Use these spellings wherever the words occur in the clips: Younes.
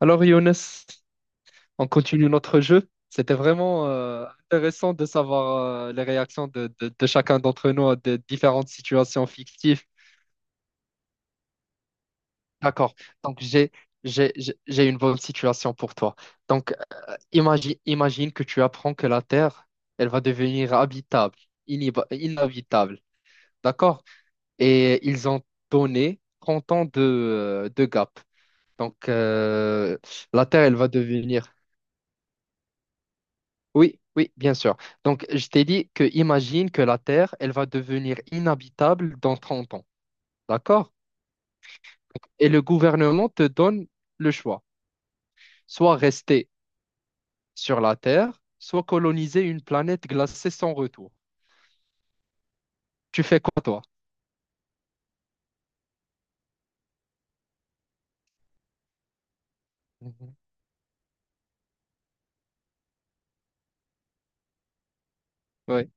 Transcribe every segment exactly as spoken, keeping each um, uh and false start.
Alors Younes, on continue notre jeu. C'était vraiment euh, intéressant de savoir euh, les réactions de, de- de chacun d'entre nous à des différentes situations fictives. D'accord. Donc j'ai j'ai j'ai j'ai une bonne situation pour toi. Donc imagine imagine que tu apprends que la Terre, elle va devenir habitable, inhib- inhabitable. D'accord? Et ils ont donné trente ans de, euh, de gap. Donc euh, la Terre, elle va devenir Oui, oui, bien sûr. Donc, je t'ai dit que imagine que la Terre, elle va devenir inhabitable dans trente ans. D'accord? Et le gouvernement te donne le choix. Soit rester sur la Terre, soit coloniser une planète glacée sans retour. Tu fais quoi, toi? Oui.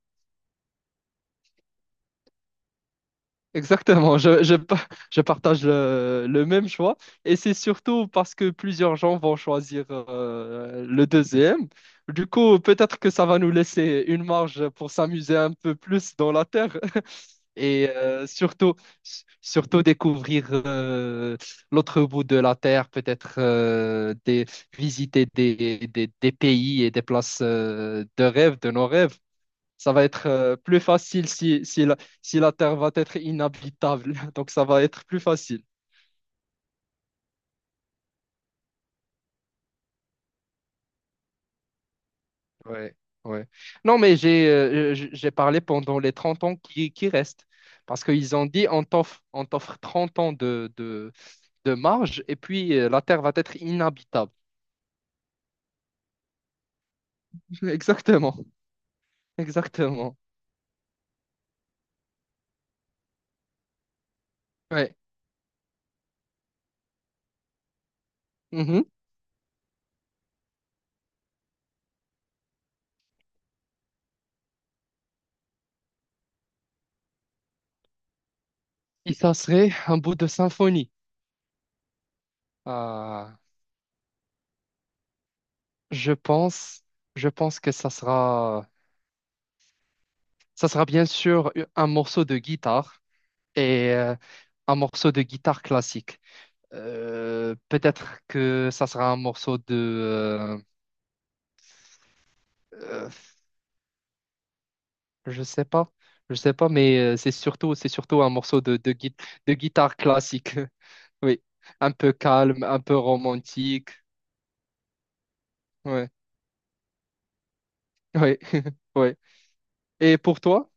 Exactement, je, je, pa- je partage le, le même choix et c'est surtout parce que plusieurs gens vont choisir euh, le deuxième. Du coup, peut-être que ça va nous laisser une marge pour s'amuser un peu plus dans la terre et euh, surtout, s- surtout découvrir euh, l'autre bout de la terre, peut-être euh, des, visiter des, des, des pays et des places euh, de rêve, de nos rêves. Ça va être euh, plus facile si, si la, si la Terre va être inhabitable. Donc, ça va être plus facile. Ouais, ouais. Non, mais j'ai euh, j- j'ai parlé pendant les trente ans qui, qui restent. Parce qu'ils ont dit, on t'offre, on t'offre trente ans de, de, de marge et puis euh, la Terre va être inhabitable. Exactement, exactement. Ouais. Mhm. Et ça serait un bout de symphonie. Ah, je pense, je pense que ça sera, ça sera bien sûr un morceau de guitare. Et euh, un morceau de guitare classique. Euh, peut-être que ça sera un morceau de, euh, euh, je sais pas, je sais pas, mais euh, c'est surtout, c'est surtout un morceau de, de, gui- de guitare classique. Oui, un peu calme, un peu romantique. Ouais, ouais, ouais. Et pour toi?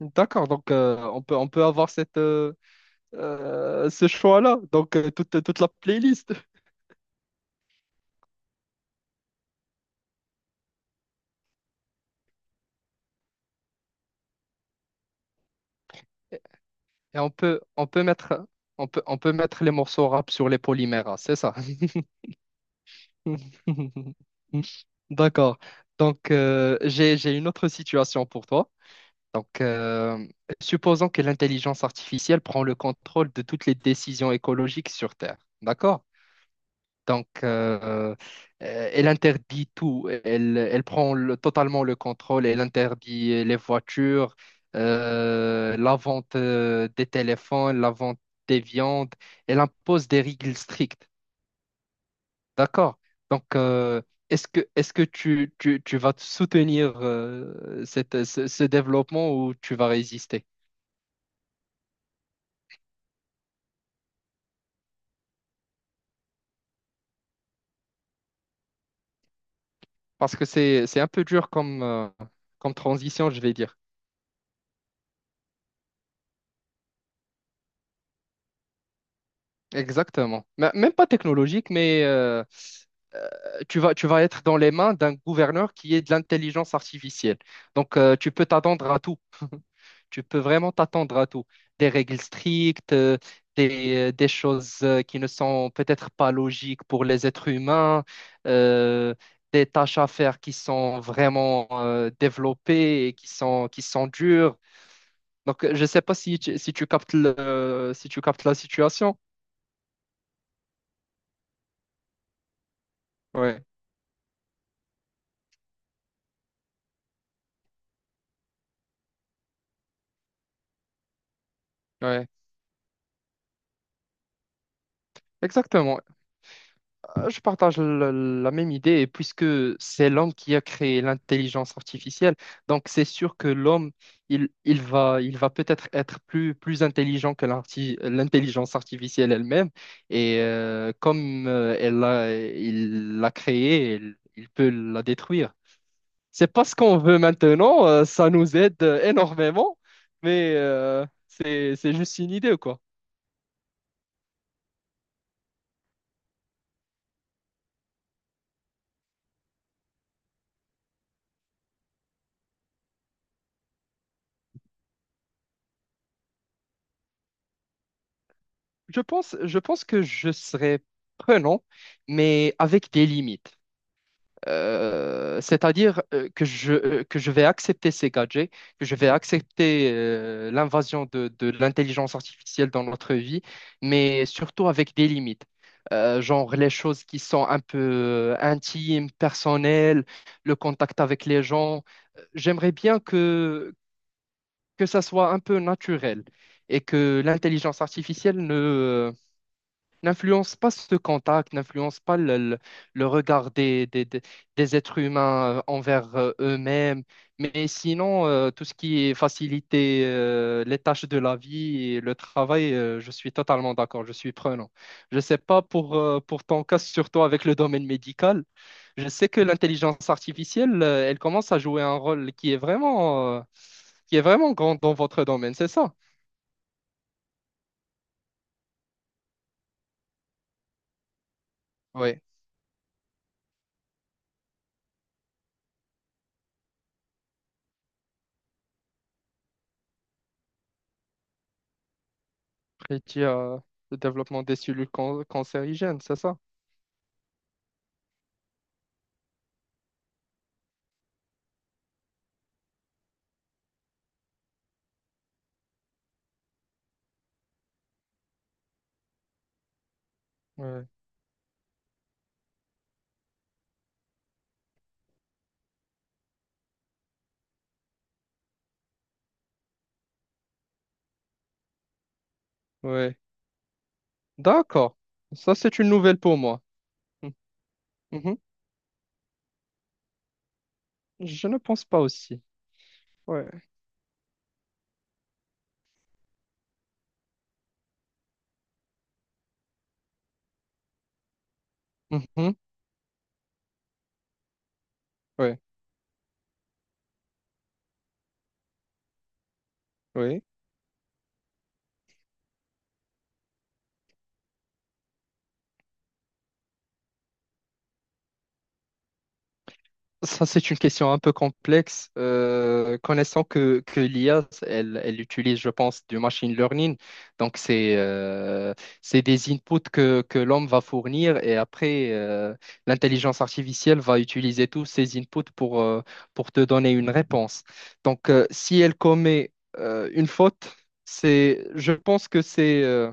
D'accord, donc euh, on peut, on peut avoir cette, euh, euh, ce choix-là, donc euh, toute, toute la playlist. Et on peut, on peut mettre, on peut, on peut mettre les morceaux rap sur les polymères, hein, c'est ça? D'accord. Donc, euh, j'ai, j'ai une autre situation pour toi. Donc, euh, supposons que l'intelligence artificielle prend le contrôle de toutes les décisions écologiques sur Terre. D'accord? Donc, euh, euh, elle interdit tout. Elle, elle prend le- totalement le contrôle. Elle interdit les voitures, euh, la vente euh, des téléphones, la vente des viandes. Elle impose des règles strictes. D'accord. Donc, euh, est-ce que, est-ce que tu, tu, tu vas te soutenir euh, cette, ce, ce développement ou tu vas résister? Parce que c'est, c'est un peu dur comme, euh, comme transition, je vais dire. Exactement. Mais- Même pas technologique, mais euh, euh, tu vas, tu vas être dans les mains d'un gouverneur qui est de l'intelligence artificielle. Donc, euh, tu peux t'attendre à tout. Tu peux vraiment t'attendre à tout. Des règles strictes, euh, des, euh, des choses euh, qui ne sont peut-être pas logiques pour les êtres humains, euh, des tâches à faire qui sont vraiment euh, développées et qui sont, qui sont dures. Donc, je ne sais pas si tu, si tu captes le, si tu captes la situation. Ouais, ouais, exactement. Euh, Je partage la, la même idée, et puisque c'est l'homme qui a créé l'intelligence artificielle, donc c'est sûr que l'homme, il, il va, il va peut-être être plus, plus intelligent que l'arti- l'intelligence artificielle elle-même, et euh, comme euh, elle l'a, il l'a créée, il, il peut la détruire. C'est pas ce qu'on veut maintenant, euh, ça nous aide énormément, mais euh, c'est, c'est juste une idée, quoi. Je pense, je pense que je serais prenant, mais avec des limites. Euh, c'est-à-dire euh, que je, euh, que je vais accepter ces gadgets, que je vais accepter euh, l'invasion de, de l'intelligence artificielle dans notre vie, mais surtout avec des limites. Euh, genre les choses qui sont un peu euh, intimes, personnelles, le contact avec les gens. J'aimerais bien que, que ça soit un peu naturel et que l'intelligence artificielle n'influence pas ce contact, n'influence pas le, le- le regard des, des, des- des êtres humains euh, envers euh, eux-mêmes. Mais sinon, euh, tout ce qui est faciliter euh, les tâches de la vie et le travail, euh, je suis totalement d'accord, je suis prenant. Je ne sais pas pour, euh, pour ton cas, surtout avec le domaine médical, je sais que l'intelligence artificielle, euh, elle commence à jouer un rôle qui est vraiment, euh, qui est vraiment grand dans votre domaine, c'est ça? Et qui a le développement des cellules can- cancérigènes, c'est ça? Ouais. Ouais. D'accord. Ça, c'est une nouvelle pour moi. Mhm. Je ne pense pas aussi. Ouais. Mhm. Ouais. Oui. Ça, c'est une question un peu complexe. Euh, connaissant que, que l'I A, elle, elle utilise, je pense, du machine learning. Donc, c'est euh, c'est des inputs que, que l'homme va fournir et après, euh, l'intelligence artificielle va utiliser tous ces inputs pour, euh, pour te donner une réponse. Donc, euh, si elle commet euh, une faute, c'est, je pense que c'est... euh,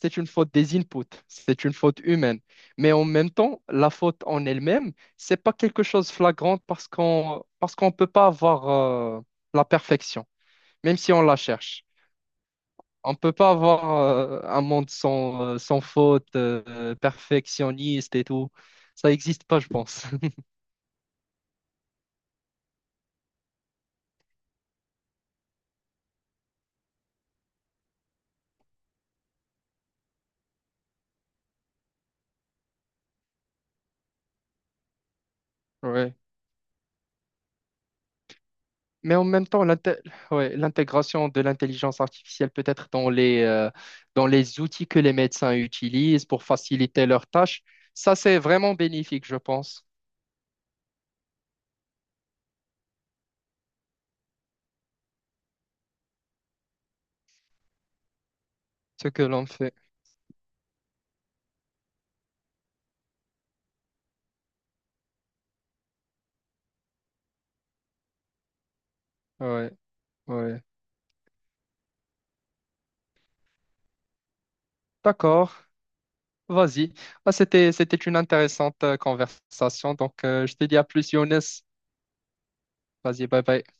c'est une faute des inputs, c'est une faute humaine. Mais en même temps, la faute en elle-même, c'est pas quelque chose de flagrant parce qu'on parce qu'on peut pas avoir euh, la perfection, même si on la cherche. On peut pas avoir euh, un monde sans, euh, sans faute, euh, perfectionniste et tout. Ça n'existe pas, je pense. Ouais. Mais en même temps, l'inté- ouais, l'intégration de l'intelligence artificielle peut être dans les, euh, dans les outils que les médecins utilisent pour faciliter leurs tâches, ça c'est vraiment bénéfique, je pense, ce que l'on fait. Ouais, ouais. D'accord, vas-y. Ah, c'était, c'était une intéressante euh, conversation, donc euh, je te dis à plus, Younes. Vas-y, bye bye.